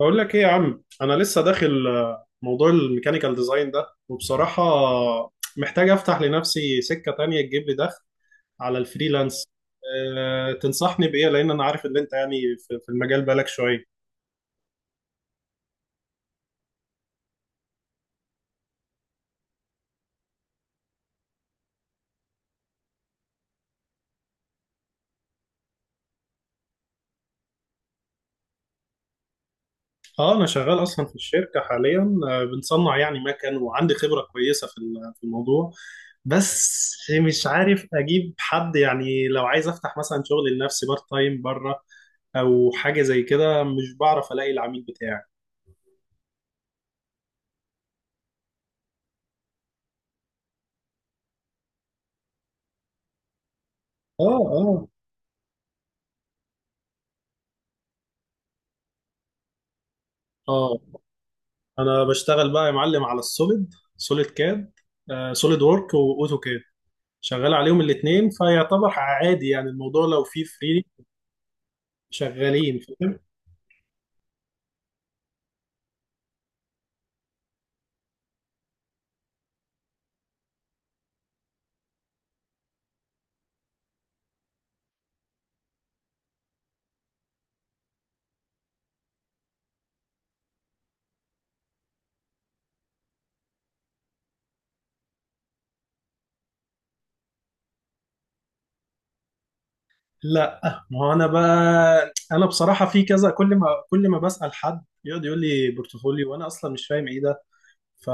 بقول لك ايه يا عم؟ انا لسه داخل موضوع الميكانيكال ديزاين ده، وبصراحة محتاج افتح لنفسي سكة تانية تجيب لي دخل على الفريلانس. تنصحني بايه؟ لان انا عارف ان انت يعني في المجال بقالك شوية. اه، انا شغال اصلا في الشركة حاليا، بنصنع يعني مكن، وعندي خبرة كويسة في الموضوع، بس مش عارف اجيب حد، يعني لو عايز افتح مثلا شغل لنفسي بارت تايم بره او حاجة زي كده، مش بعرف الاقي العميل بتاعي. اه. اه، انا بشتغل بقى يا معلم على سوليد كاد، سوليد وورك واوتو كاد، شغال عليهم الاثنين، فيعتبر عادي يعني الموضوع لو فيه فري شغالين، فاهم؟ لا. ما هو انا بقى انا بصراحه في كذا، كل ما بسال حد يقعد يقول لي بورتفوليو، وانا اصلا مش فاهم ايه ده. ف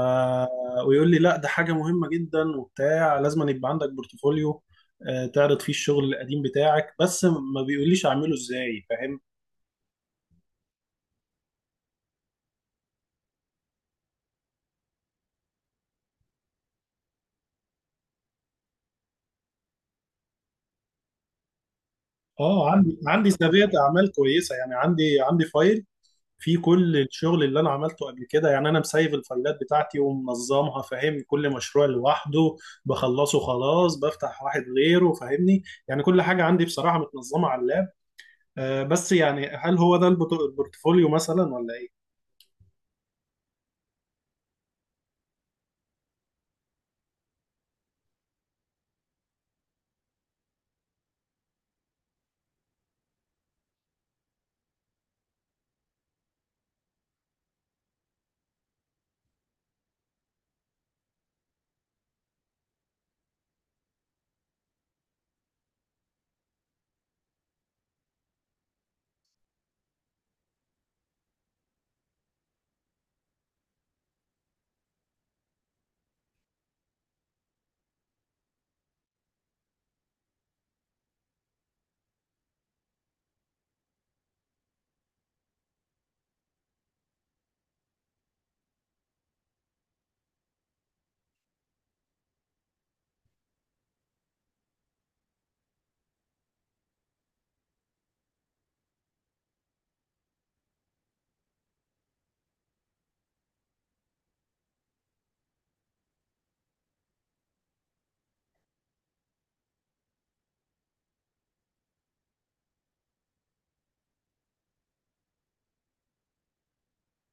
ويقول لي لا، ده حاجه مهمه جدا وبتاع، لازم أن يبقى عندك بورتفوليو تعرض فيه الشغل القديم بتاعك، بس ما بيقوليش اعمله ازاي، فاهم؟ اه، عندي سابقة اعمال كويسه، يعني عندي فايل فيه كل الشغل اللي انا عملته قبل كده، يعني انا مسيف الفايلات بتاعتي ومنظمها، فاهم؟ كل مشروع لوحده بخلصه خلاص بفتح واحد غيره، فاهمني؟ يعني كل حاجه عندي بصراحه متنظمه على اللاب. بس يعني هل هو ده البورتفوليو مثلا، ولا ايه؟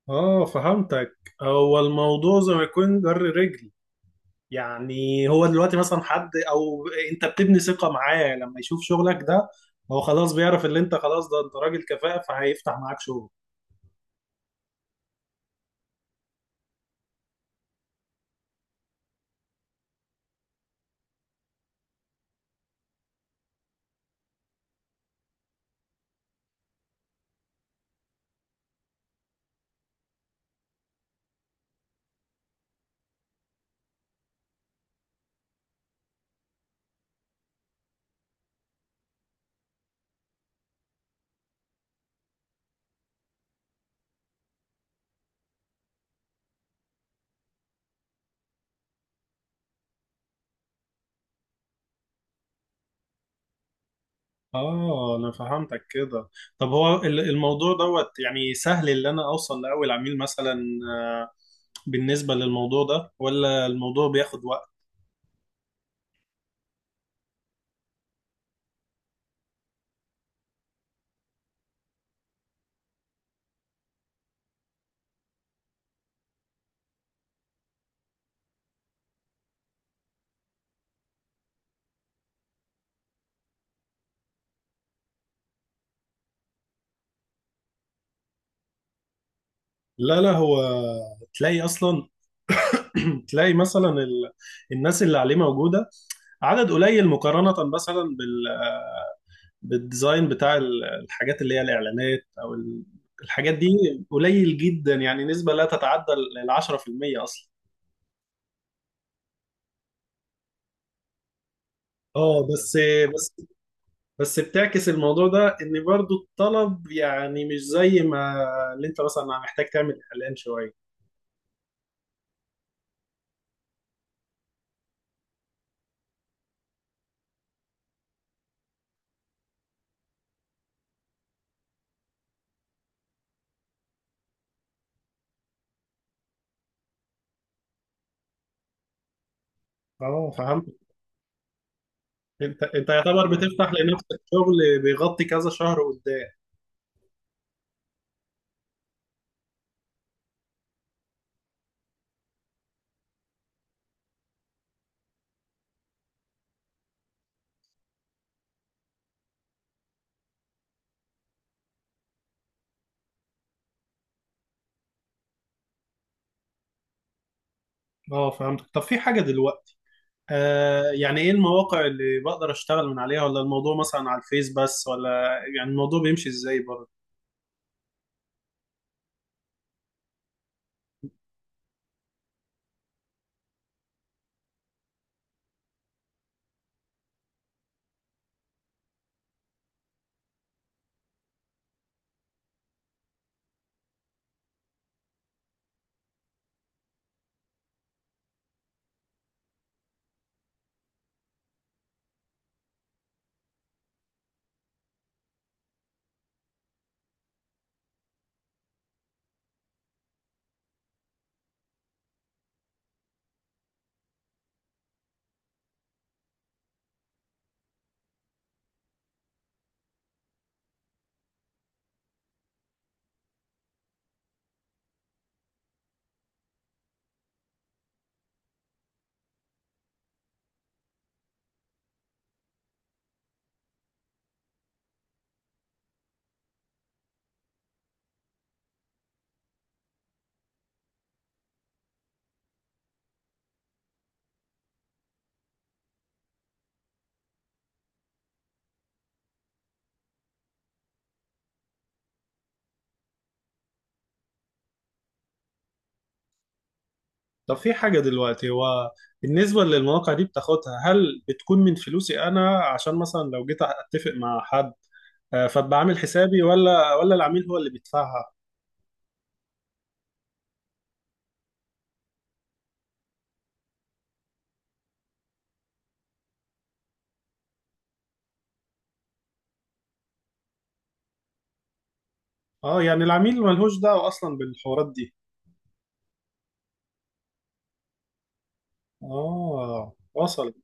اه، فهمتك. هو الموضوع زي ما يكون جر رجل، يعني هو دلوقتي مثلا حد او انت بتبني ثقة معاه، لما يشوف شغلك ده هو خلاص بيعرف اللي انت، خلاص ده انت راجل كفاءة، فهيفتح معاك شغل. اه، انا فهمتك كده. طب هو الموضوع دوت يعني سهل اللي انا اوصل لاول عميل مثلا، آه، بالنسبة للموضوع ده، ولا الموضوع بياخد وقت؟ لا، لا، هو تلاقي اصلا تلاقي مثلا الناس اللي عليه موجودة عدد قليل، مقارنة مثلا بالديزاين بتاع الحاجات اللي هي الإعلانات، الحاجات دي، قليل جدا، يعني نسبة لا تتعدى ال 10% أصلا. اه، بس بس بتعكس الموضوع ده ان برضو الطلب يعني مش زي ما اللي انت مثلا محتاج تعمل اعلان شويه. اه، فهمت. انت يعتبر بتفتح لنفسك شغل بيغطي كذا شهر قدام. اه، فهمت. طب في حاجه دلوقتي، يعني ايه المواقع اللي بقدر اشتغل من عليها؟ ولا الموضوع مثلا على الفيس بس، ولا يعني الموضوع بيمشي ازاي برضه؟ طب في حاجة دلوقتي، هو بالنسبة للمواقع دي بتاخدها، هل بتكون من فلوسي أنا، عشان مثلا لو جيت أتفق مع حد، فأبقى عامل حسابي، ولا العميل هو اللي بيدفعها؟ أه، يعني العميل ملهوش دعوة أصلا بالحوارات دي. أه، وصل.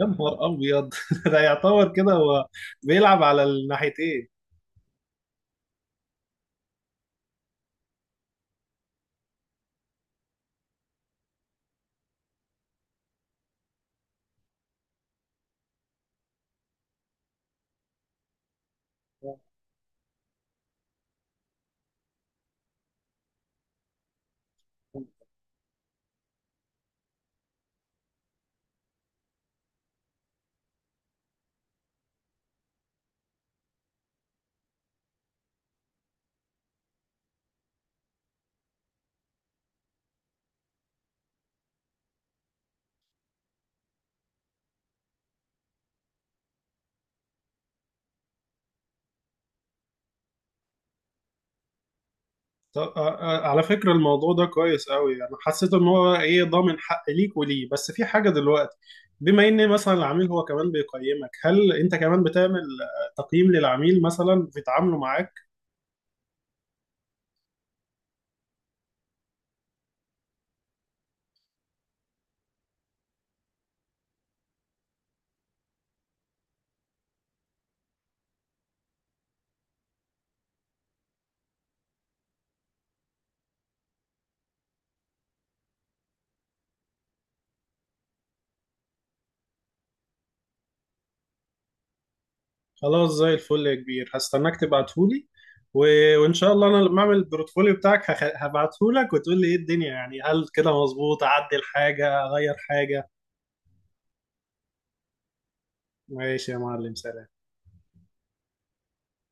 يا نهار أبيض! ده يعتبر كده هو بيلعب على الناحيتين. طب على فكرة الموضوع ده كويس قوي، انا حسيت ان هو ايه ضامن حق ليك وليه، بس في حاجة دلوقتي، بما ان مثلا العميل هو كمان بيقيمك، هل انت كمان بتعمل تقييم للعميل مثلا في تعامله معاك؟ خلاص، زي الفل يا كبير، هستناك تبعتهولي و... وان شاء الله انا لما اعمل البورتفوليو بتاعك هبعتهولك وتقول لي ايه الدنيا، يعني هل كده مظبوط؟ اعدل حاجة؟ اغير حاجة؟ ماشي يا معلم، سلام.